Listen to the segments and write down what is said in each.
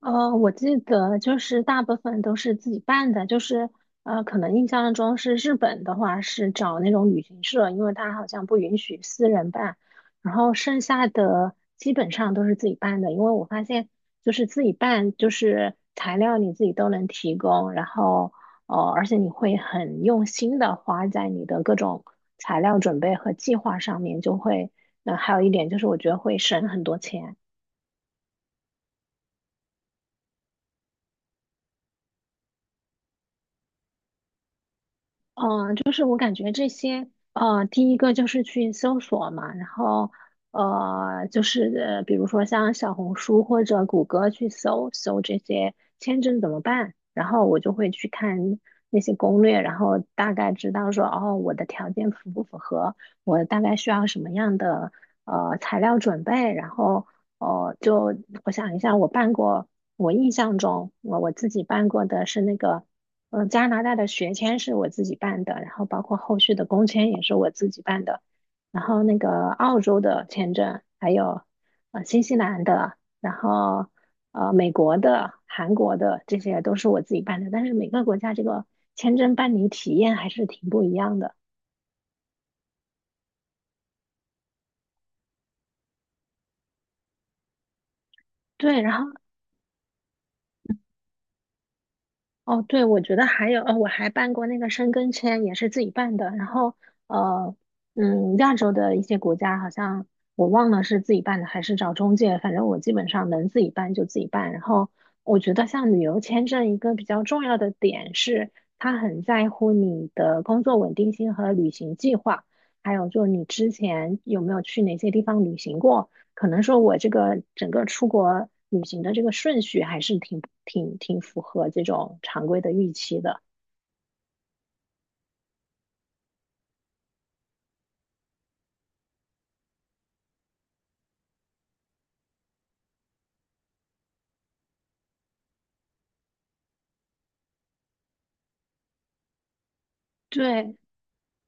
我记得就是大部分都是自己办的，可能印象中是日本的话是找那种旅行社，因为它好像不允许私人办，然后剩下的基本上都是自己办的，因为我发现就是自己办，就是材料你自己都能提供，然后而且你会很用心的花在你的各种材料准备和计划上面，就会，那、还有一点就是我觉得会省很多钱。嗯，就是我感觉这些，第一个就是去搜索嘛，然后，就是比如说像小红书或者谷歌去搜搜这些签证怎么办，然后我就会去看那些攻略，然后大概知道说，哦，我的条件符不符合，我大概需要什么样的材料准备，然后，哦，就我想一下，我办过，我印象中我自己办过的是那个。加拿大的学签是我自己办的，然后包括后续的工签也是我自己办的，然后那个澳洲的签证，还有新西兰的，然后美国的、韩国的，这些都是我自己办的。但是每个国家这个签证办理体验还是挺不一样的。对，然后哦，对，我觉得还有，我还办过那个申根签，也是自己办的。然后，呃，亚洲的一些国家好像我忘了是自己办的还是找中介，反正我基本上能自己办就自己办。然后，我觉得像旅游签证一个比较重要的点是，它很在乎你的工作稳定性和旅行计划，还有就你之前有没有去哪些地方旅行过。可能说我这个整个出国旅行的这个顺序还是挺符合这种常规的预期的。对，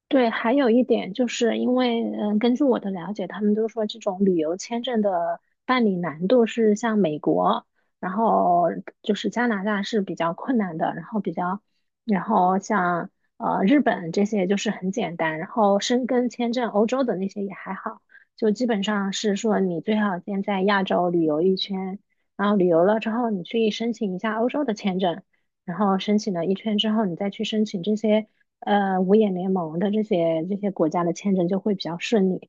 对，还有一点就是因为，嗯，根据我的了解，他们都说这种旅游签证的办理难度是像美国，然后就是加拿大是比较困难的，然后比较，然后像日本这些就是很简单，然后申根签证欧洲的那些也还好，就基本上是说你最好先在亚洲旅游一圈，然后旅游了之后你去申请一下欧洲的签证。然后申请了一圈之后，你再去申请这些五眼联盟的这些国家的签证就会比较顺利。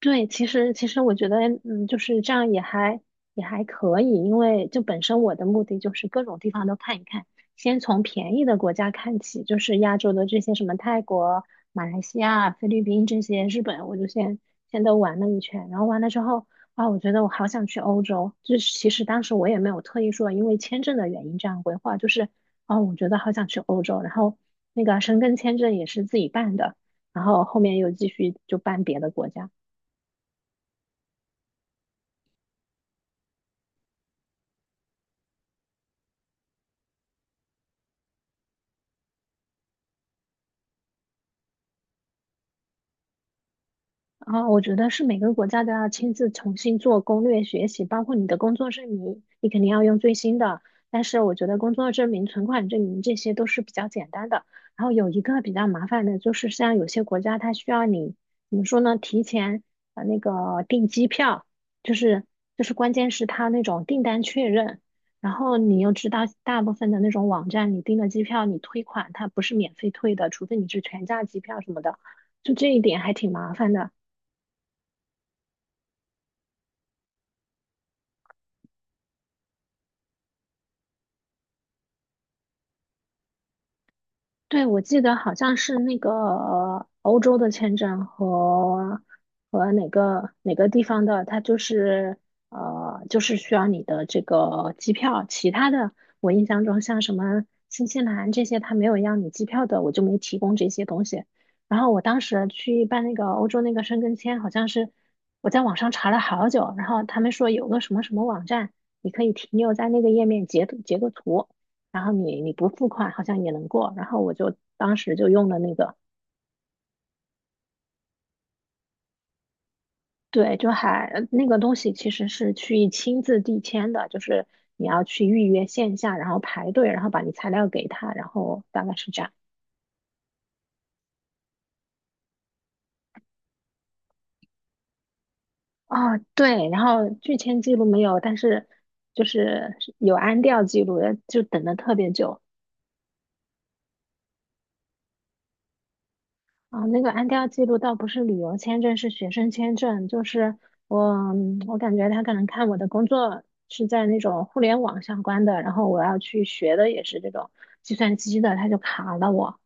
对，其实我觉得，嗯，就是这样也还也还可以，因为就本身我的目的就是各种地方都看一看，先从便宜的国家看起，就是亚洲的这些什么泰国、马来西亚、菲律宾这些，日本，我就先都玩了一圈，然后完了之后，啊，我觉得我好想去欧洲，就是其实当时我也没有特意说因为签证的原因这样规划，就是啊，我觉得好想去欧洲，然后那个申根签证也是自己办的，然后后面又继续就办别的国家。啊，我觉得是每个国家都要亲自重新做攻略学习，包括你的工作证明，你肯定要用最新的。但是我觉得工作证明、存款证明这些都是比较简单的。然后有一个比较麻烦的，就是像有些国家它需要你怎么说呢？提前那个订机票，就是就是关键是它那种订单确认。然后你又知道大部分的那种网站，你订的机票你退款它不是免费退的，除非你是全价机票什么的。就这一点还挺麻烦的。对，我记得好像是那个欧洲的签证和哪个地方的，它就是就是需要你的这个机票。其他的，我印象中像什么新西兰这些，它没有要你机票的，我就没提供这些东西。然后我当时去办那个欧洲那个申根签，好像是我在网上查了好久，然后他们说有个什么什么网站，你可以停留在那个页面截图截个图。然后你不付款好像也能过，然后我就当时就用了那个，对，就还那个东西其实是去亲自递签的，就是你要去预约线下，然后排队，然后把你材料给他，然后大概是这样。哦，对，然后拒签记录没有，但是就是有安调记录，就等的特别久。啊，那个安调记录倒不是旅游签证，是学生签证。就是我，我感觉他可能看我的工作是在那种互联网相关的，然后我要去学的也是这种计算机的，他就卡了我。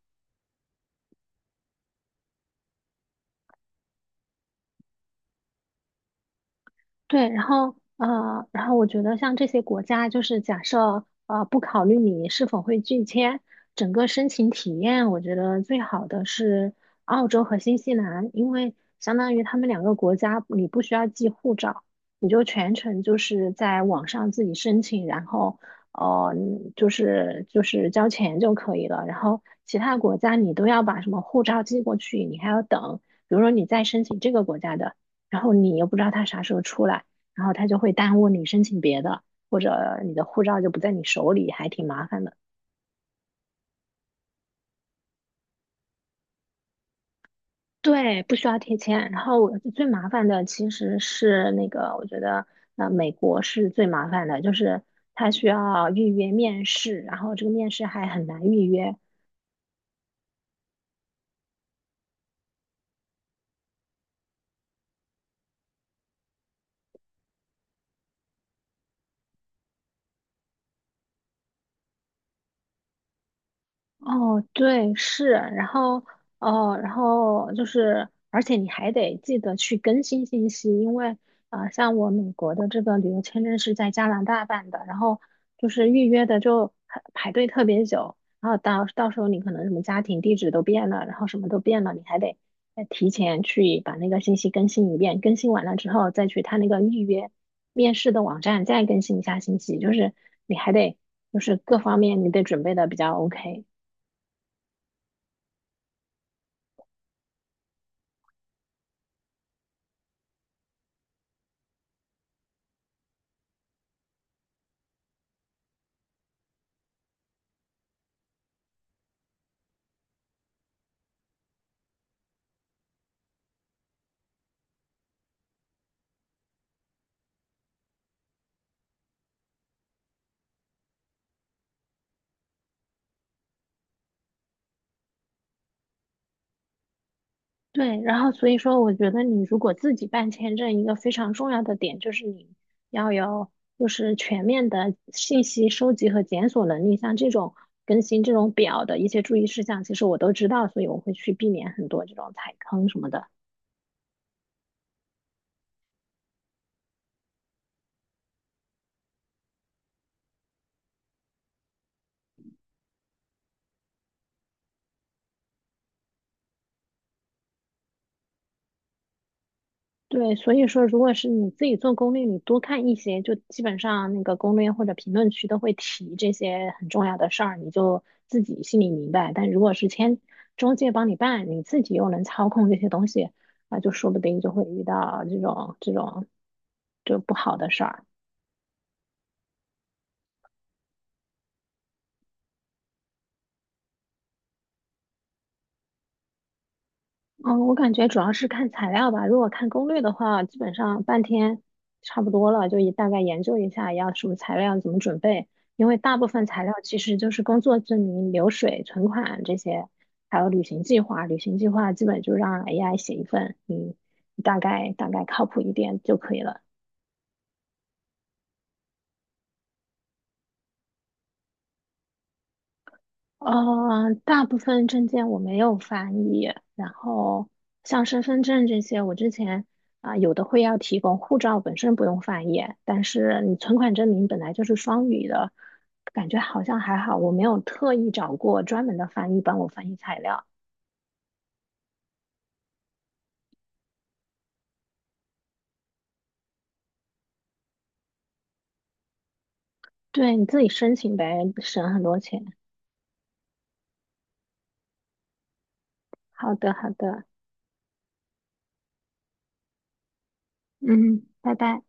对，然后然后我觉得像这些国家，就是假设不考虑你是否会拒签，整个申请体验，我觉得最好的是澳洲和新西兰，因为相当于他们两个国家，你不需要寄护照，你就全程就是在网上自己申请，然后就是交钱就可以了。然后其他国家你都要把什么护照寄过去，你还要等，比如说你再申请这个国家的。然后你又不知道他啥时候出来，然后他就会耽误你申请别的，或者你的护照就不在你手里，还挺麻烦的。对，不需要贴签。然后最麻烦的其实是那个，我觉得美国是最麻烦的，就是他需要预约面试，然后这个面试还很难预约。哦，对，是，然后哦，然后就是，而且你还得记得去更新信息，因为像我美国的这个旅游签证是在加拿大办的，然后就是预约的就很排队特别久，然后到时候你可能什么家庭地址都变了，然后什么都变了，你还得再提前去把那个信息更新一遍，更新完了之后再去他那个预约面试的网站再更新一下信息，就是你还得就是各方面你得准备的比较 OK。对，然后所以说，我觉得你如果自己办签证，一个非常重要的点就是你要有就是全面的信息收集和检索能力，像这种更新这种表的一些注意事项，其实我都知道，所以我会去避免很多这种踩坑什么的。对，所以说，如果是你自己做攻略，你多看一些，就基本上那个攻略或者评论区都会提这些很重要的事儿，你就自己心里明白。但如果是签中介帮你办，你自己又能操控这些东西，啊，就说不定就会遇到这种就不好的事儿。嗯，我感觉主要是看材料吧。如果看攻略的话，基本上半天差不多了，就也大概研究一下要什么材料，怎么准备。因为大部分材料其实就是工作证明、流水、存款这些，还有旅行计划。旅行计划基本就让 AI 写一份，你大概靠谱一点就可以了。呃，大部分证件我没有翻译，然后像身份证这些，我之前有的会要提供，护照本身不用翻译，但是你存款证明本来就是双语的，感觉好像还好，我没有特意找过专门的翻译帮我翻译材料，对，你自己申请呗，省很多钱。好的，好的，嗯，拜拜。